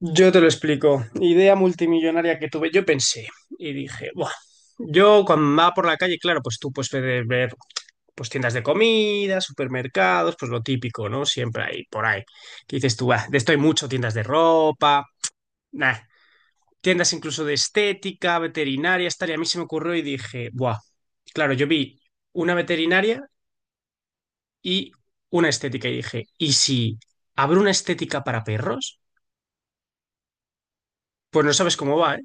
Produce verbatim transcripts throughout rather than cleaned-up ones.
Yo te lo explico. Idea multimillonaria que tuve. Yo pensé y dije, buah. Yo cuando va por la calle, claro, pues tú pues, puedes ver, ver, pues tiendas de comida, supermercados, pues lo típico, ¿no? Siempre hay por ahí. Que dices tú, ah, de esto hay mucho, tiendas de ropa, nah, tiendas incluso de estética, veterinaria, tal. Y a mí se me ocurrió y dije, buah. Claro, yo vi una veterinaria y una estética y dije, ¿y si abro una estética para perros? Pues no sabes cómo va, ¿eh?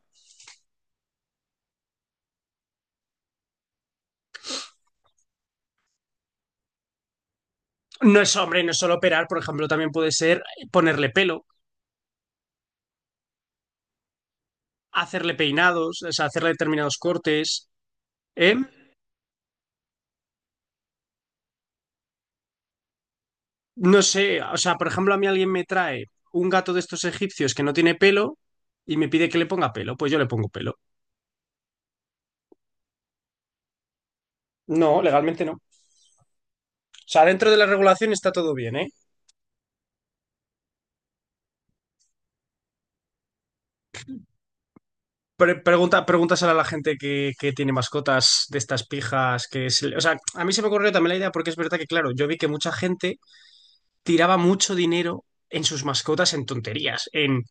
No es hombre, no es solo operar, por ejemplo, también puede ser ponerle pelo, hacerle peinados, o sea, hacerle determinados cortes. ¿Eh? No sé, o sea, por ejemplo, a mí alguien me trae un gato de estos egipcios que no tiene pelo y me pide que le ponga pelo, pues yo le pongo pelo. No, legalmente no. O sea, dentro de la regulación está todo bien, ¿eh? Pre- pregunta, pregúntaselo a la gente que, que tiene mascotas de estas pijas que se le... O sea, a mí se me ocurrió también la idea porque es verdad que, claro, yo vi que mucha gente tiraba mucho dinero en sus mascotas en tonterías, en...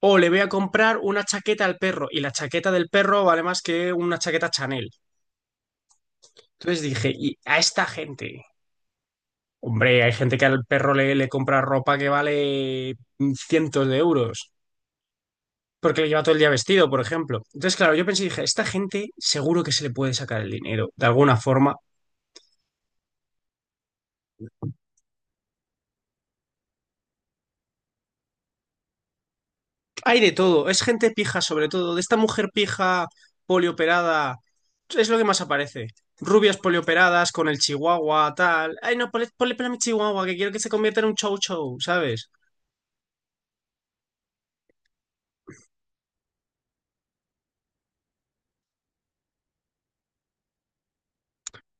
O le voy a comprar una chaqueta al perro y la chaqueta del perro vale más que una chaqueta Chanel. Entonces dije, y a esta gente, hombre, hay gente que al perro le, le compra ropa que vale mm, cientos de euros porque le lleva todo el día vestido, por ejemplo. Entonces, claro, yo pensé, dije, esta gente seguro que se le puede sacar el dinero de alguna forma. Hay de todo, es gente pija sobre todo, de esta mujer pija polioperada, es lo que más aparece. Rubias polioperadas con el chihuahua, tal. Ay, no, ponle, ponle pelo a mi chihuahua, que quiero que se convierta en un chow chow, ¿sabes?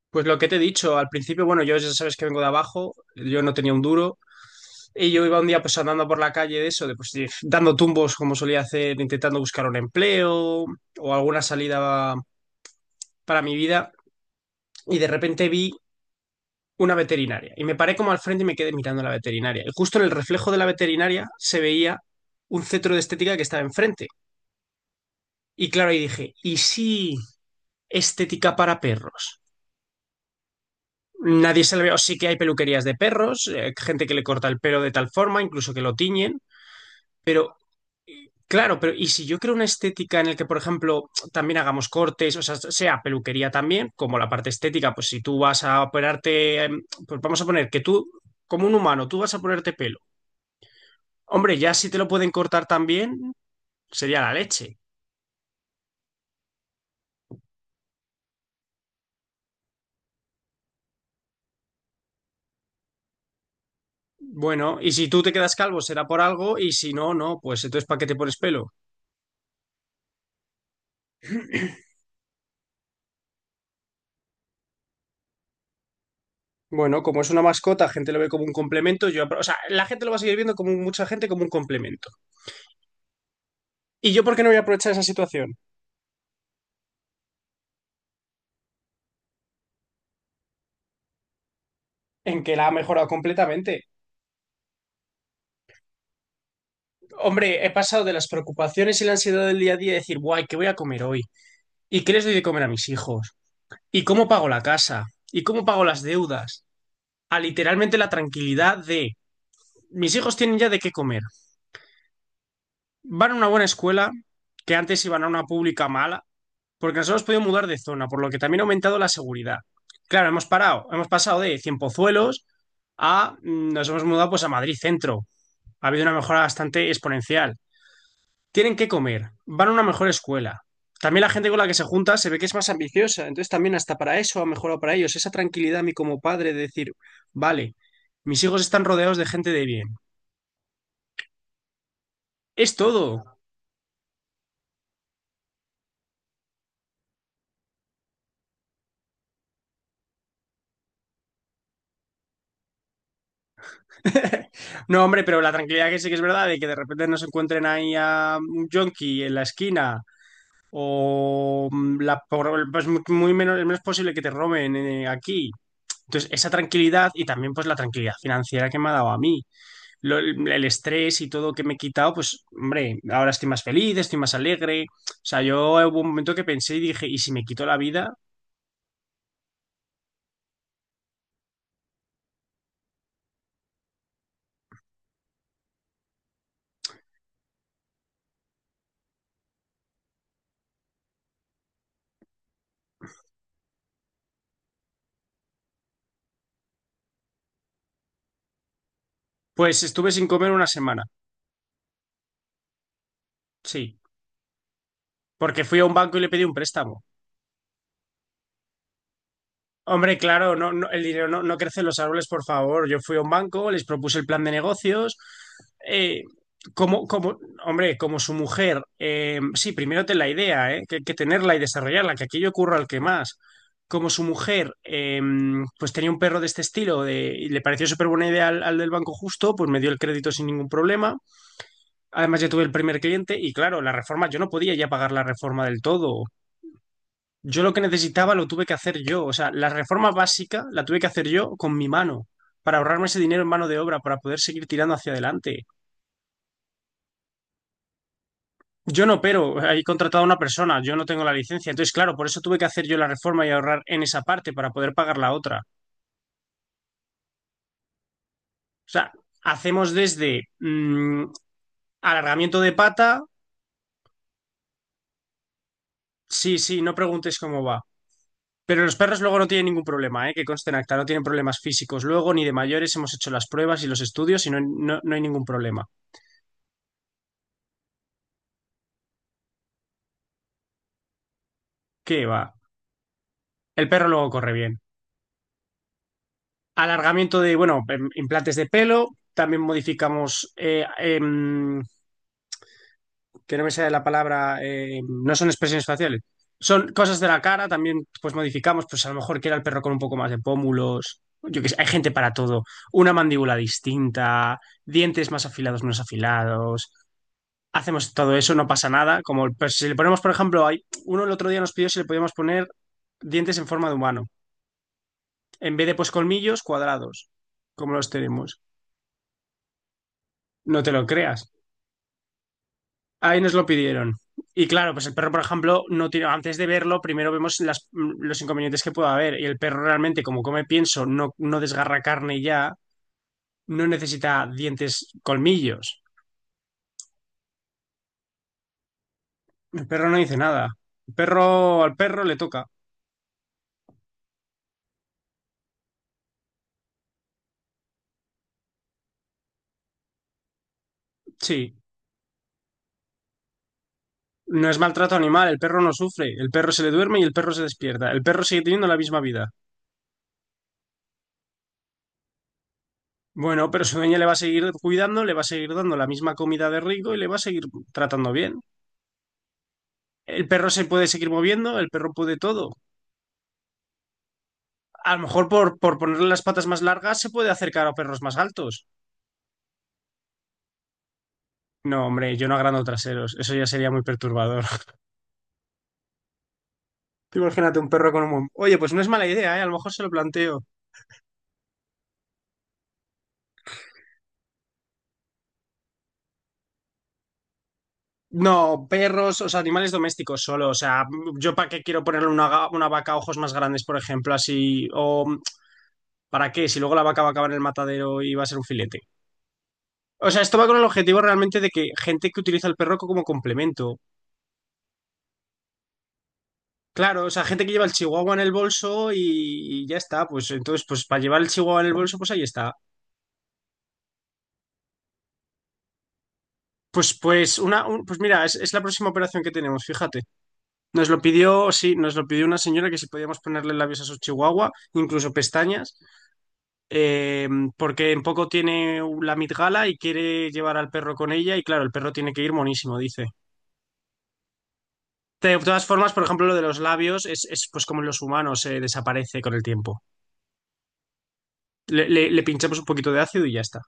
Pues lo que te he dicho, al principio, bueno, yo ya sabes que vengo de abajo, yo no tenía un duro, y yo iba un día pues andando por la calle de eso, de, pues de- dando tumbos como solía hacer, intentando buscar un empleo o alguna salida para mi vida, y de repente vi una veterinaria. Y me paré como al frente y me quedé mirando a la veterinaria. Y justo en el reflejo de la veterinaria se veía un centro de estética que estaba enfrente. Y claro, ahí dije, ¿y si estética para perros? Nadie se le ve, o sí que hay peluquerías de perros, eh, gente que le corta el pelo de tal forma, incluso que lo tiñen, pero eh, claro, pero ¿y si yo creo una estética en la que, por ejemplo, también hagamos cortes, o sea, sea peluquería también, como la parte estética, pues si tú vas a operarte, eh, pues vamos a poner que tú, como un humano, tú vas a ponerte pelo. Hombre, ya si te lo pueden cortar también, sería la leche. Bueno, y si tú te quedas calvo será por algo, y si no, no, pues entonces ¿para qué te pones pelo? Bueno, como es una mascota, la gente lo ve como un complemento, yo, apro- o sea, la gente lo va a seguir viendo como un... mucha gente como un complemento. ¿Y yo por qué no voy a aprovechar esa situación? En que la ha mejorado completamente. Hombre, he pasado de las preocupaciones y la ansiedad del día a día de decir, guay, ¿qué voy a comer hoy? ¿Y qué les doy de comer a mis hijos? ¿Y cómo pago la casa? ¿Y cómo pago las deudas? A literalmente la tranquilidad de mis hijos tienen ya de qué comer. Van a una buena escuela, que antes iban a una pública mala, porque nos hemos podido mudar de zona, por lo que también ha aumentado la seguridad. Claro, hemos parado, hemos pasado de Cien Pozuelos a... mm, nos hemos mudado pues a Madrid Centro. Ha habido una mejora bastante exponencial. Tienen que comer, van a una mejor escuela. También la gente con la que se junta se ve que es más ambiciosa, entonces también hasta para eso ha mejorado para ellos. Esa tranquilidad a mí como padre de decir, vale, mis hijos están rodeados de gente de bien. Es todo. No, hombre, pero la tranquilidad que sí que es verdad de que de repente no se encuentren ahí a un yonki en la esquina o... mm, la, por- pues muy muy menos, es menos posible que te roben eh, aquí. Entonces, esa tranquilidad y también pues la tranquilidad financiera que me ha dado a mí, Lo- el, el estrés y todo que me he quitado, pues hombre, ahora estoy más feliz, estoy más alegre. O sea, yo hubo un momento que pensé y dije, ¿y si me quito la vida? Pues estuve sin comer una semana, sí, porque fui a un banco y le pedí un préstamo. Hombre, claro, no, no- el dinero no, no crece en los árboles, por favor. Yo fui a un banco, les propuse el plan de negocios. eh, como, como, hombre, como su mujer, eh, sí, primero ten la idea, eh, que que tenerla y desarrollarla, que aquello ocurra al que más. Como su mujer, eh, pues tenía un perro de este estilo de- y le pareció súper buena idea al, al del banco justo, pues me dio el crédito sin ningún problema. Además, ya tuve el primer cliente y claro, la reforma, yo no podía ya pagar la reforma del todo. Yo lo que necesitaba lo tuve que hacer yo. O sea, la reforma básica la tuve que hacer yo con mi mano, para ahorrarme ese dinero en mano de obra, para poder seguir tirando hacia adelante. Yo no, pero he contratado a una persona, yo no tengo la licencia. Entonces, claro, por eso tuve que hacer yo la reforma y ahorrar en esa parte para poder pagar la otra. O sea, hacemos desde mm, alargamiento de pata, sí, sí, no preguntes cómo va. Pero los perros luego no tienen ningún problema, ¿eh? Que conste en acta, no tienen problemas físicos. Luego, ni de mayores, hemos hecho las pruebas y los estudios y no, no no hay ningún problema. ¿Qué va? El perro luego corre bien. Alargamiento de, bueno, em- implantes de pelo. También modificamos, eh, em, que no me sale la palabra, em, no son expresiones faciales. Son cosas de la cara, también pues modificamos, pues a lo mejor quiera el perro con un poco más de pómulos. Yo qué sé, hay gente para todo. Una mandíbula distinta, dientes más afilados, menos afilados. Hacemos todo eso, no pasa nada. Como el- pues, si le ponemos, por ejemplo, hay, uno el otro día nos pidió si le podíamos poner dientes en forma de humano, en vez de pues colmillos cuadrados, como los tenemos. No te lo creas. Ahí nos lo pidieron. Y claro, pues el perro, por ejemplo, no tiene, antes de verlo, primero vemos las- los inconvenientes que pueda haber. Y el perro realmente, como come pienso, no, no desgarra carne ya, no necesita dientes, colmillos. El perro no dice nada. El perro, al perro le toca. Sí. No es maltrato animal, el perro no sufre. El perro se le duerme y el perro se despierta. El perro sigue teniendo la misma vida. Bueno, pero su dueña le va a seguir cuidando, le va a seguir dando la misma comida de rico y le va a seguir tratando bien. El perro se puede seguir moviendo, el perro puede todo. A lo mejor por, por ponerle las patas más largas se puede acercar a perros más altos. No, hombre, yo no agrando traseros, eso ya sería muy perturbador. Tú imagínate un perro con un... buen... Oye, pues no es mala idea, ¿eh? A lo mejor se lo planteo. No, perros, o sea, animales domésticos solo. O sea, yo para qué quiero ponerle una, ga- una vaca a ojos más grandes, por ejemplo, así. O ¿para qué? Si luego la vaca va a acabar en el matadero y va a ser un filete. O sea, esto va con el objetivo realmente de que gente que utiliza el perro como complemento. Claro, o sea, gente que lleva el chihuahua en el bolso y, y ya está. Pues entonces, pues para llevar el chihuahua en el bolso, pues ahí está. Pues, pues, una, un- pues mira, es, es la próxima operación que tenemos, fíjate. Nos lo pidió, sí, nos lo pidió una señora que si podíamos ponerle labios a su chihuahua, incluso pestañas, eh, porque en poco tiene la mitgala y quiere llevar al perro con ella y claro, el perro tiene que ir monísimo, dice. De todas formas, por ejemplo, lo de los labios es, es, pues como en los humanos, eh, desaparece con el tiempo. Le, le- le pinchamos un poquito de ácido y ya está.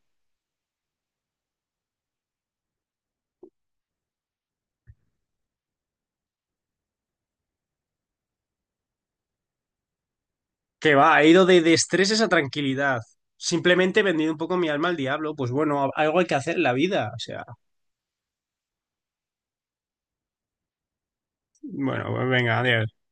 Que va, he ido de, de estreses a tranquilidad. Simplemente he vendido un poco mi alma al diablo. Pues bueno, algo hay que hacer en la vida. O sea, bueno, pues venga, adiós.